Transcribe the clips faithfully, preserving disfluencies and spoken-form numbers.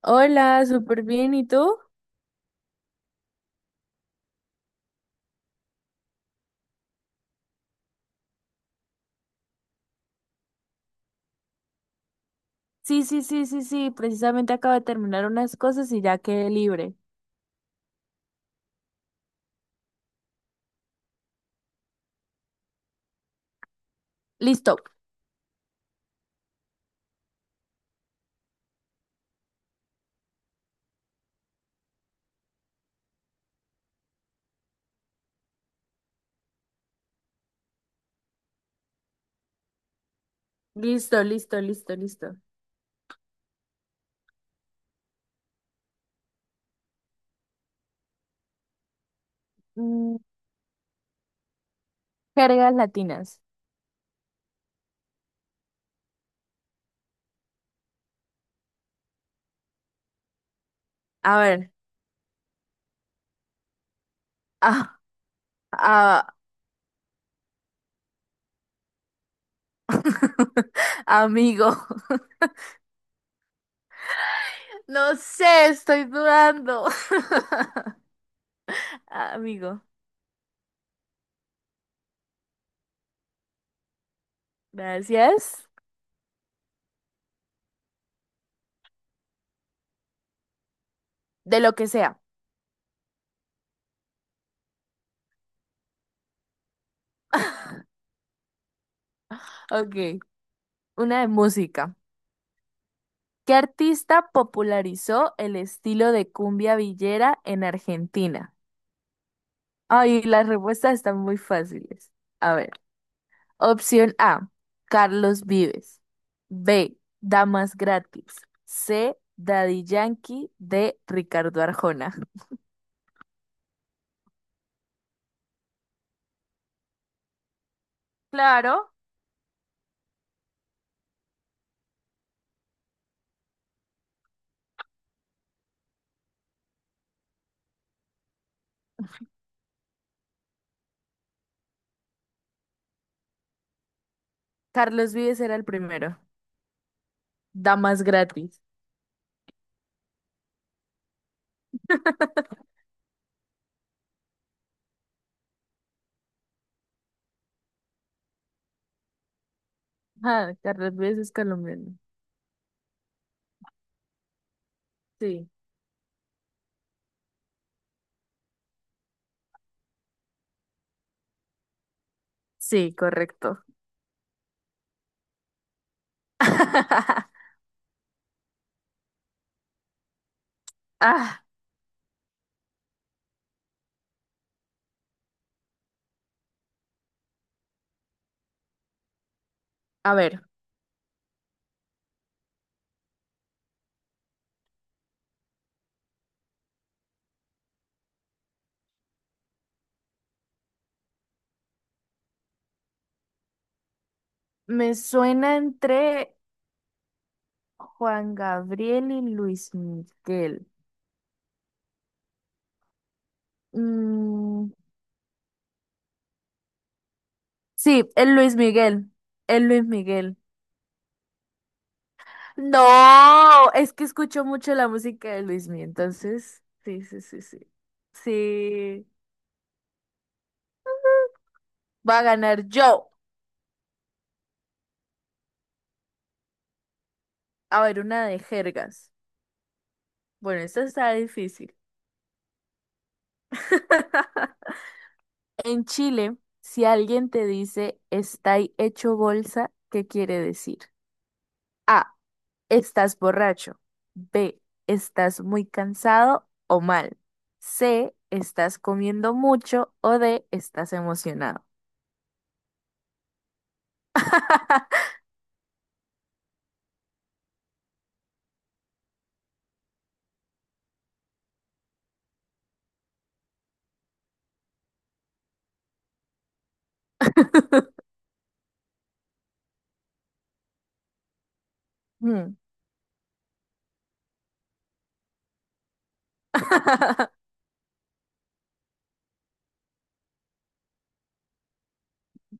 Hola, súper bien. ¿Y tú? Sí, sí, sí, sí, sí. Precisamente acabo de terminar unas cosas y ya quedé libre. Listo, listo, listo, listo, listo. Mm, Jergas latinas. A ver. Ah, ah, amigo. No sé, estoy dudando. Amigo, gracias. De lo que sea. Ok, una de música. ¿Qué artista popularizó el estilo de cumbia villera en Argentina? Ay, las respuestas están muy fáciles. A ver, opción A, Carlos Vives. B, Damas Gratis. C, Daddy Yankee. D, Ricardo Arjona. Claro, Carlos Vives era el primero. Damas Gratis. Ah, Carlos Vives es colombiano. Sí, sí, correcto. Ah, a ver, me suena entre Juan Gabriel y Luis Miguel. Mm, Sí, el Luis Miguel. El Luis Miguel. No, es que escucho mucho la música de Luis Miguel, entonces. Sí, sí, sí, sí. Sí, va a ganar yo. A ver, una de jergas. Bueno, esta está difícil. En Chile, si alguien te dice está hecho bolsa, ¿qué quiere decir? Estás borracho. B. Estás muy cansado o mal. C. Estás comiendo mucho o D. Estás emocionado. Hmm.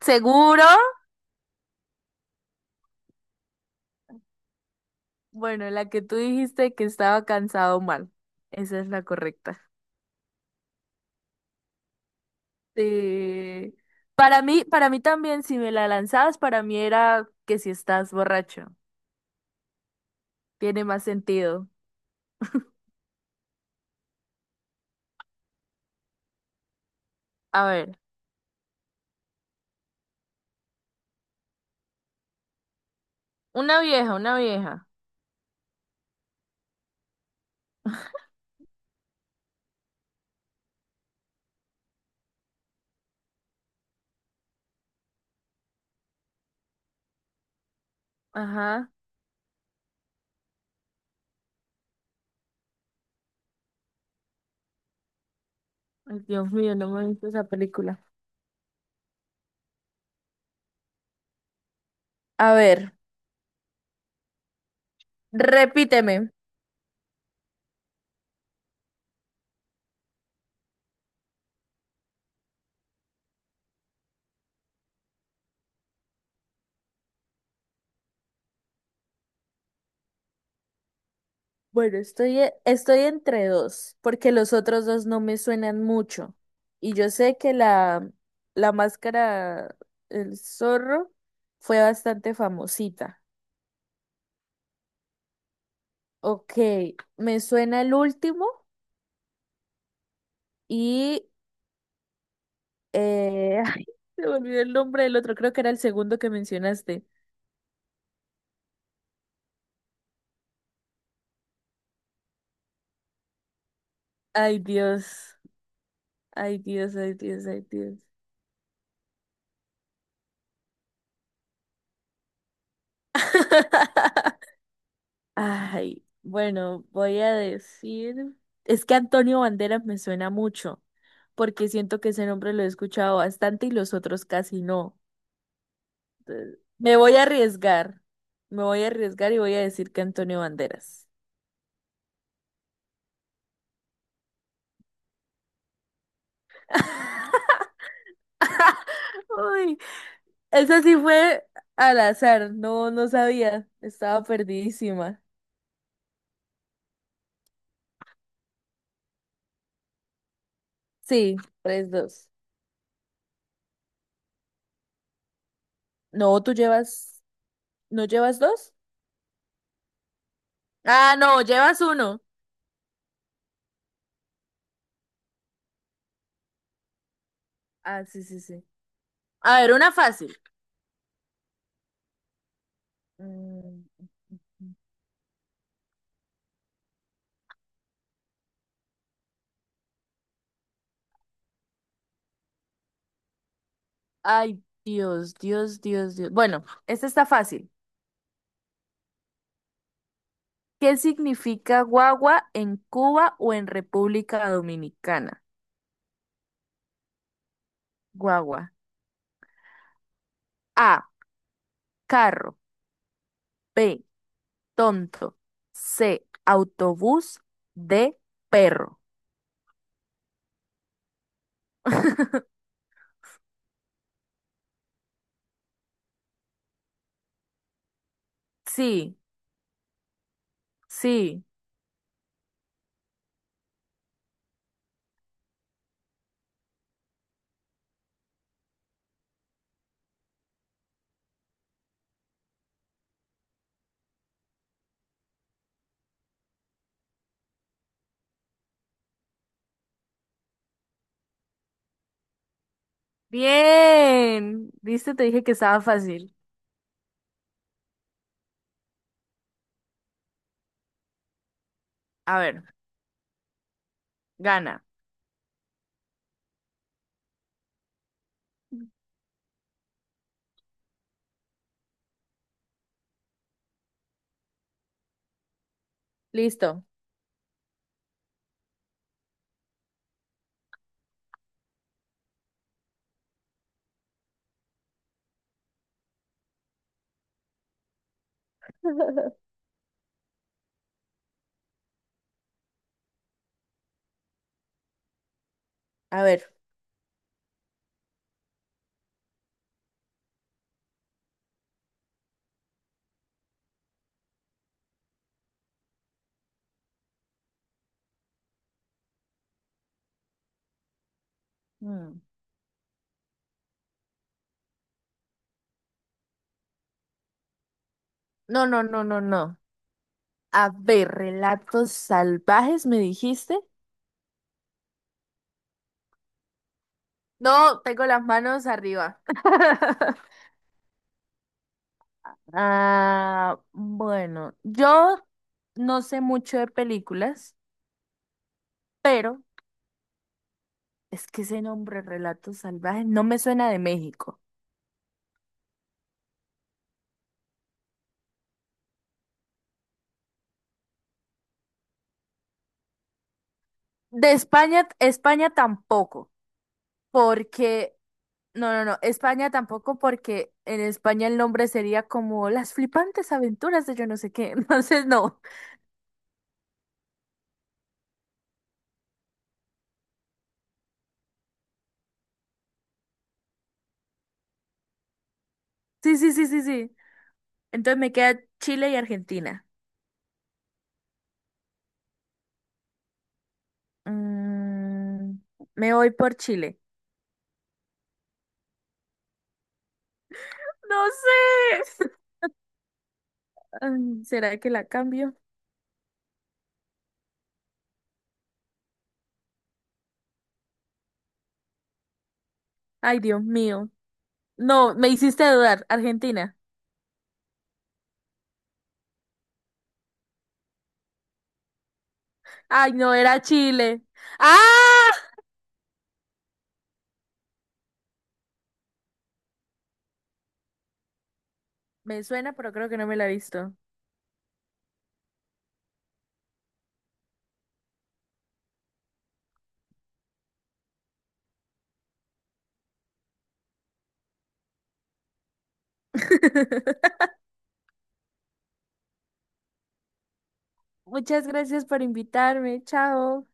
¿Seguro? Bueno, la que tú dijiste que estaba cansado o mal. Esa es la correcta. Sí. Para mí, para mí también, si me la lanzabas, para mí era que si estás borracho. Tiene más sentido. A ver, una vieja, una vieja. Ajá. Ay, Dios mío, no me he visto esa película. A ver, repíteme. Bueno, estoy, e- estoy entre dos, porque los otros dos no me suenan mucho. Y yo sé que la, la máscara, el zorro, fue bastante famosita. Ok, me suena el último y... Eh, ay, se me olvidó el nombre del otro, creo que era el segundo que mencionaste. Ay, Dios, ay, Dios, ay, Dios, ay, Dios. Ay, bueno, voy a decir, es que Antonio Banderas me suena mucho, porque siento que ese nombre lo he escuchado bastante y los otros casi no. Entonces, me voy a arriesgar, me voy a arriesgar y voy a decir que Antonio Banderas. Uy, esa sí fue al azar, no, no sabía, estaba perdidísima. Sí, tres, dos. No, tú llevas, ¿no llevas dos? Ah, no, llevas uno. Ah, sí, sí, sí. A ver, una fácil. Mm. Ay, Dios, Dios, Dios, Dios. Bueno, esta está fácil. ¿Qué significa guagua en Cuba o en República Dominicana? Guagua. A, carro. B, tonto. C, autobús. D, perro. Sí, sí. Bien. ¿Viste? Te dije que estaba fácil. A ver, gana. Listo. A ver. Mm. No, no, no, no, no. A ver, relatos salvajes, me dijiste. No, tengo las manos arriba. Ah, bueno, yo no sé mucho de películas, pero es que ese nombre, relatos salvajes, no me suena de México. De España, España tampoco, porque, no, no, no, España tampoco, porque en España el nombre sería como Las flipantes aventuras de yo no sé qué. Entonces, no. Sí, sí, sí, sí, sí. Entonces me queda Chile y Argentina. Mm, me voy por Chile. No sé. Mm, ¿será que la cambio? Ay, Dios mío. No, me hiciste dudar. Argentina. Ay, no, era Chile. ¡Ah! Me suena, pero creo que no me la he visto. Muchas gracias por invitarme. Chao.